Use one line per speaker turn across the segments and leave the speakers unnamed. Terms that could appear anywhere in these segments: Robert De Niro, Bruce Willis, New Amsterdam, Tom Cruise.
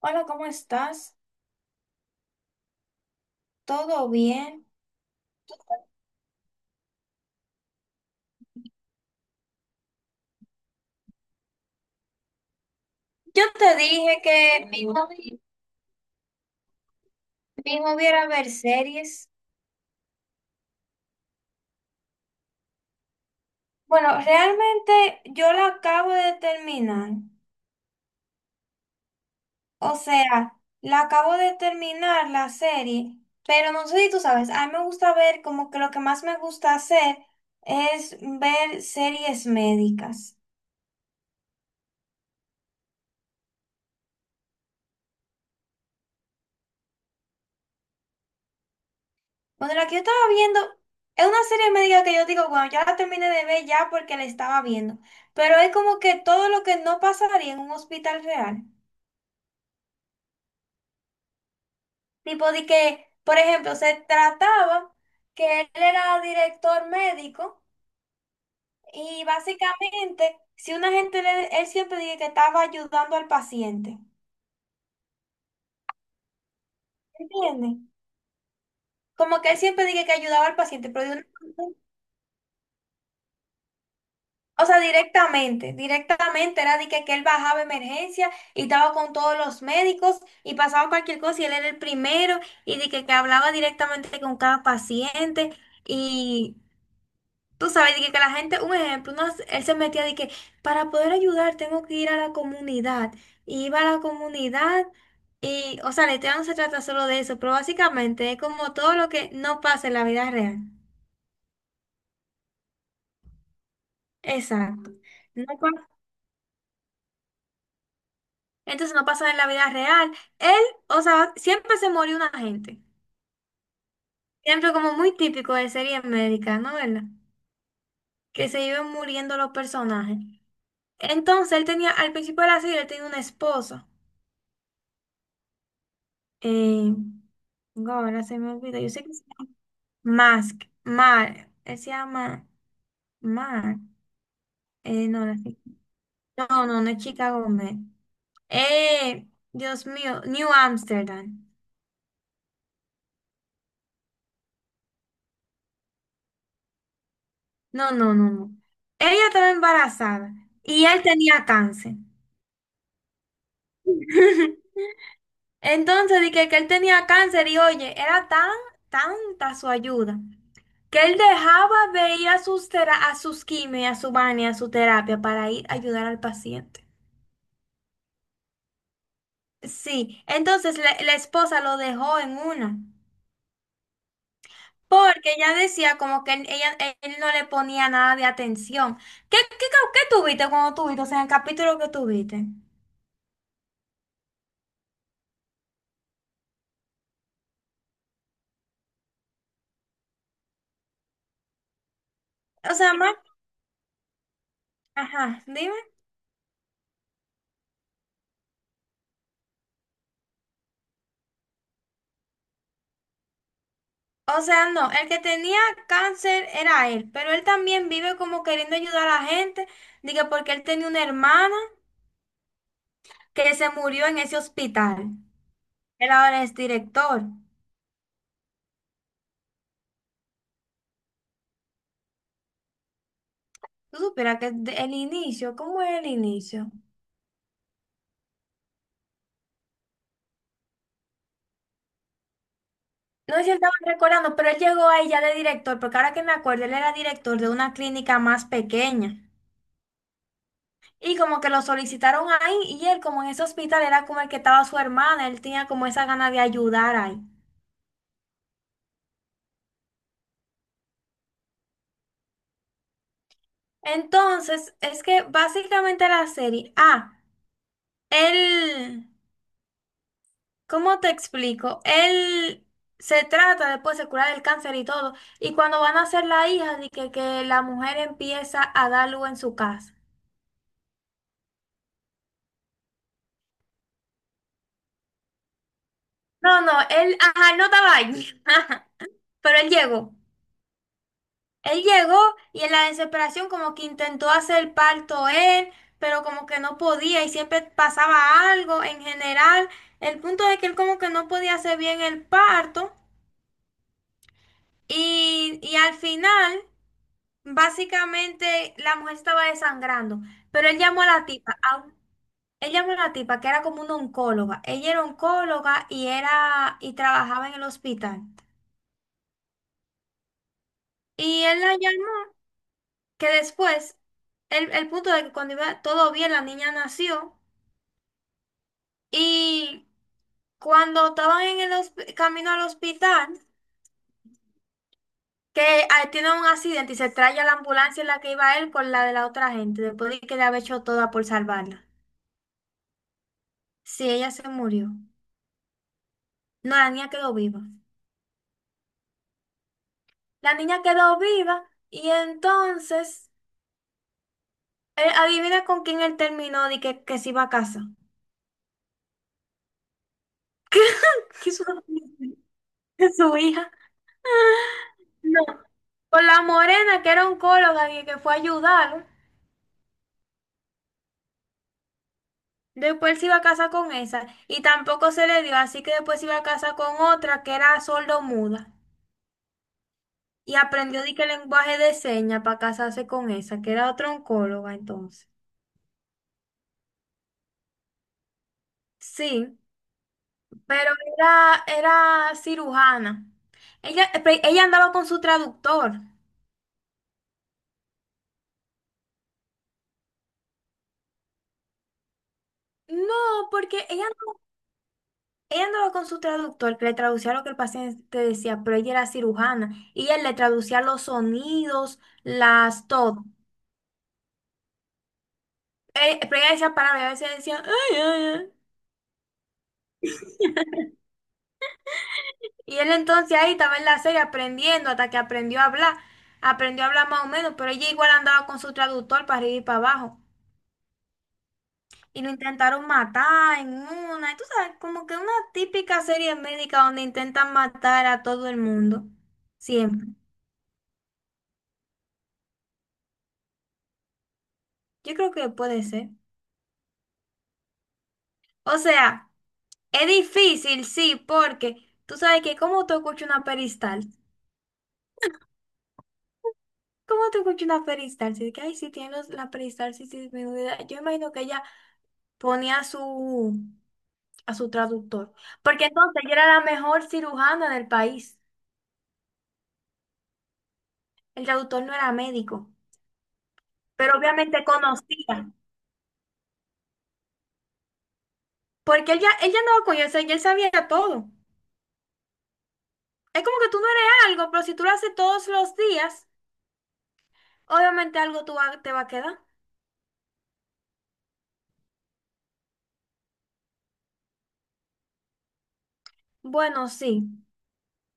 Hola, ¿cómo estás? ¿Todo bien? Yo te dije que mi hobby era ver series. Bueno, realmente yo la acabo de terminar. O sea, la acabo de terminar la serie, pero no sé si tú sabes, a mí me gusta ver como que lo que más me gusta hacer es ver series médicas. Bueno, la que yo estaba viendo es una serie médica que yo digo, bueno, ya la terminé de ver ya porque la estaba viendo. Pero es como que todo lo que no pasaría en un hospital real. Tipo de que, por ejemplo, se trataba que él era director médico y básicamente, si una gente, él siempre dije que estaba ayudando al paciente. ¿Entiendes? Como que él siempre dije que ayudaba al paciente, pero de una. O sea, directamente era de que él bajaba a emergencia y estaba con todos los médicos y pasaba cualquier cosa y él era el primero y de que hablaba directamente con cada paciente y tú sabes, de que la gente, un ejemplo, él se metía de que para poder ayudar tengo que ir a la comunidad y iba a la comunidad y, o sea, la historia no se trata solo de eso, pero básicamente es como todo lo que no pasa en la vida real. Exacto. No pasa. Entonces no pasa en la vida real. Él, o sea, siempre se murió una gente. Siempre como muy típico de serie médica, ¿no? ¿Verdad? Que se iban muriendo los personajes. Entonces él tenía, al principio de la serie, él tenía una esposa. Eh, no, ahora se me olvidó. Yo sé que se llama Mask. Mar. Él se llama Mar. No, la chica-. No, no, no es Chica Gómez. Eh, Dios mío, New Amsterdam. No, no, no, no. Ella estaba embarazada y él tenía cáncer. Entonces dije que él tenía cáncer y oye, era tan, tanta su ayuda que él dejaba de ir a sus, a sus quimio, y a su baño, y a su terapia para ir a ayudar al paciente. Sí, entonces la esposa lo dejó en una, porque ella decía como que él, ella, él no le ponía nada de atención. ¿Qué, qué, qué tuviste cuando tuviste? O sea, en el capítulo que tuviste. O sea, más, ajá, dime. O sea, no, el que tenía cáncer era él, pero él también vive como queriendo ayudar a la gente, diga porque él tenía una hermana que se murió en ese hospital. Él ahora es director. Tú supieras que el inicio, ¿cómo es el inicio? No sé si él estaba recordando, pero él llegó ahí ya de director, porque ahora que me acuerdo, él era director de una clínica más pequeña. Y como que lo solicitaron ahí, y él como en ese hospital era como el que estaba su hermana, él tenía como esa gana de ayudar ahí. Entonces, es que básicamente la serie, él, ¿cómo te explico? Él se trata después de curar el cáncer y todo, y cuando van a hacer la hija, de que la mujer empieza a dar luz en su casa. No, no, él, ajá, él no estaba ahí, ajá, pero él llegó. Él llegó y en la desesperación como que intentó hacer el parto él, pero como que no podía y siempre pasaba algo en general. El punto es que él como que no podía hacer bien el parto. Y al final, básicamente, la mujer estaba desangrando, pero él llamó a la tipa, él llamó a la tipa que era como una oncóloga. Ella era oncóloga y era y trabajaba en el hospital. Y él la llamó, que después, el punto de que cuando iba todo bien, la niña nació. Y cuando estaban en el camino al hospital, que tiene un accidente y se trae a la ambulancia en la que iba él con la de la otra gente, después de que le había hecho toda por salvarla. Sí, ella se murió. No, la niña quedó viva. La niña quedó viva y entonces, adivina con quién él terminó de que se iba a casa. ¿Qué? Su hija. No, con la morena que era oncóloga y que fue a ayudarlo. Después se iba a casa con esa y tampoco se le dio, así que después se iba a casa con otra que era sordo-muda. Y aprendió de que lenguaje de señas para casarse con esa, que era otra oncóloga entonces. Sí. Pero era, era cirujana. Ella, ella andaba con su traductor. No, porque ella, ella andaba con su traductor, que le traducía lo que el paciente decía, pero ella era cirujana y él le traducía los sonidos, las, todo. Pero ella decía palabras, y a veces decía, "Ay, ay, ay". Y él entonces ahí estaba en la serie aprendiendo hasta que aprendió a hablar. Aprendió a hablar más o menos, pero ella igual andaba con su traductor para arriba y para abajo. Y lo intentaron matar en una, y tú sabes, como que una típica serie médica donde intentan matar a todo el mundo, siempre. Yo creo que puede ser. O sea, es difícil, sí, porque tú sabes que cómo tú escuchas una peristalsis, ¿cómo tú escuchas una peristalsis? De que ay, si tiene la peristalsis disminuida, yo imagino que ella ponía a su traductor, porque entonces ella era la mejor cirujana del país, el traductor no era médico, pero obviamente conocía. Porque él ya andaba con eso y él sabía todo. Es como que tú no eres algo, pero si tú lo haces todos los días, obviamente algo te va a quedar. Bueno, sí.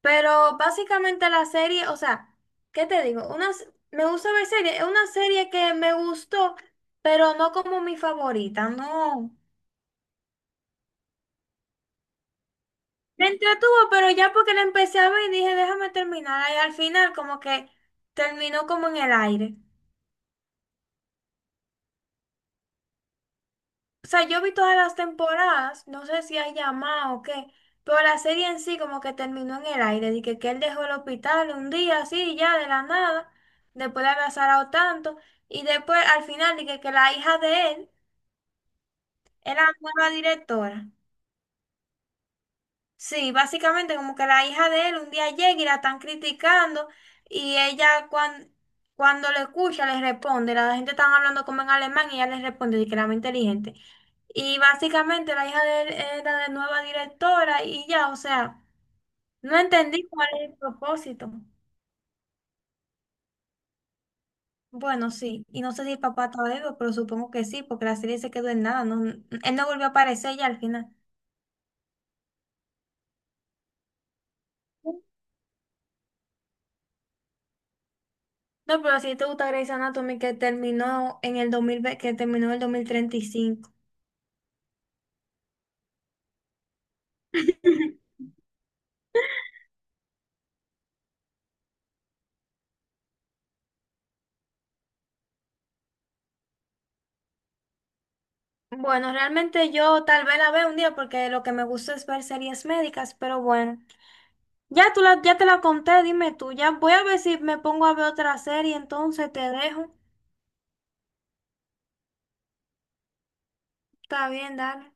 Pero básicamente la serie, o sea, ¿qué te digo? Unas, me gusta ver series. Es una serie que me gustó, pero no como mi favorita, no. Me entretuvo, pero ya porque la empecé a ver, dije, déjame terminar. Y al final como que terminó como en el aire. O sea, yo vi todas las temporadas, no sé si hay llamado o qué, pero la serie en sí como que terminó en el aire, de que él dejó el hospital un día así, ya de la nada, después de haber azarado tanto, y después al final dije que la hija de él era la nueva directora. Sí, básicamente como que la hija de él un día llega y la están criticando y ella cuando le escucha le responde, la gente están hablando como en alemán y ella le responde de que era muy inteligente. Y básicamente la hija de él era de nueva directora y ya, o sea, no entendí cuál es el propósito. Bueno, sí, y no sé si el papá está vivo, pero supongo que sí, porque la serie se quedó en nada, no, él no volvió a aparecer ya al final. No, pero si te gusta Grey's Anatomy que terminó en el dos mil ve que terminó en el 2035. Bueno, realmente yo tal vez la vea un día porque lo que me gusta es ver series médicas, pero bueno. Ya ya te la conté, dime tú. Ya voy a ver si me pongo a ver otra serie, entonces te dejo. Está bien, dale.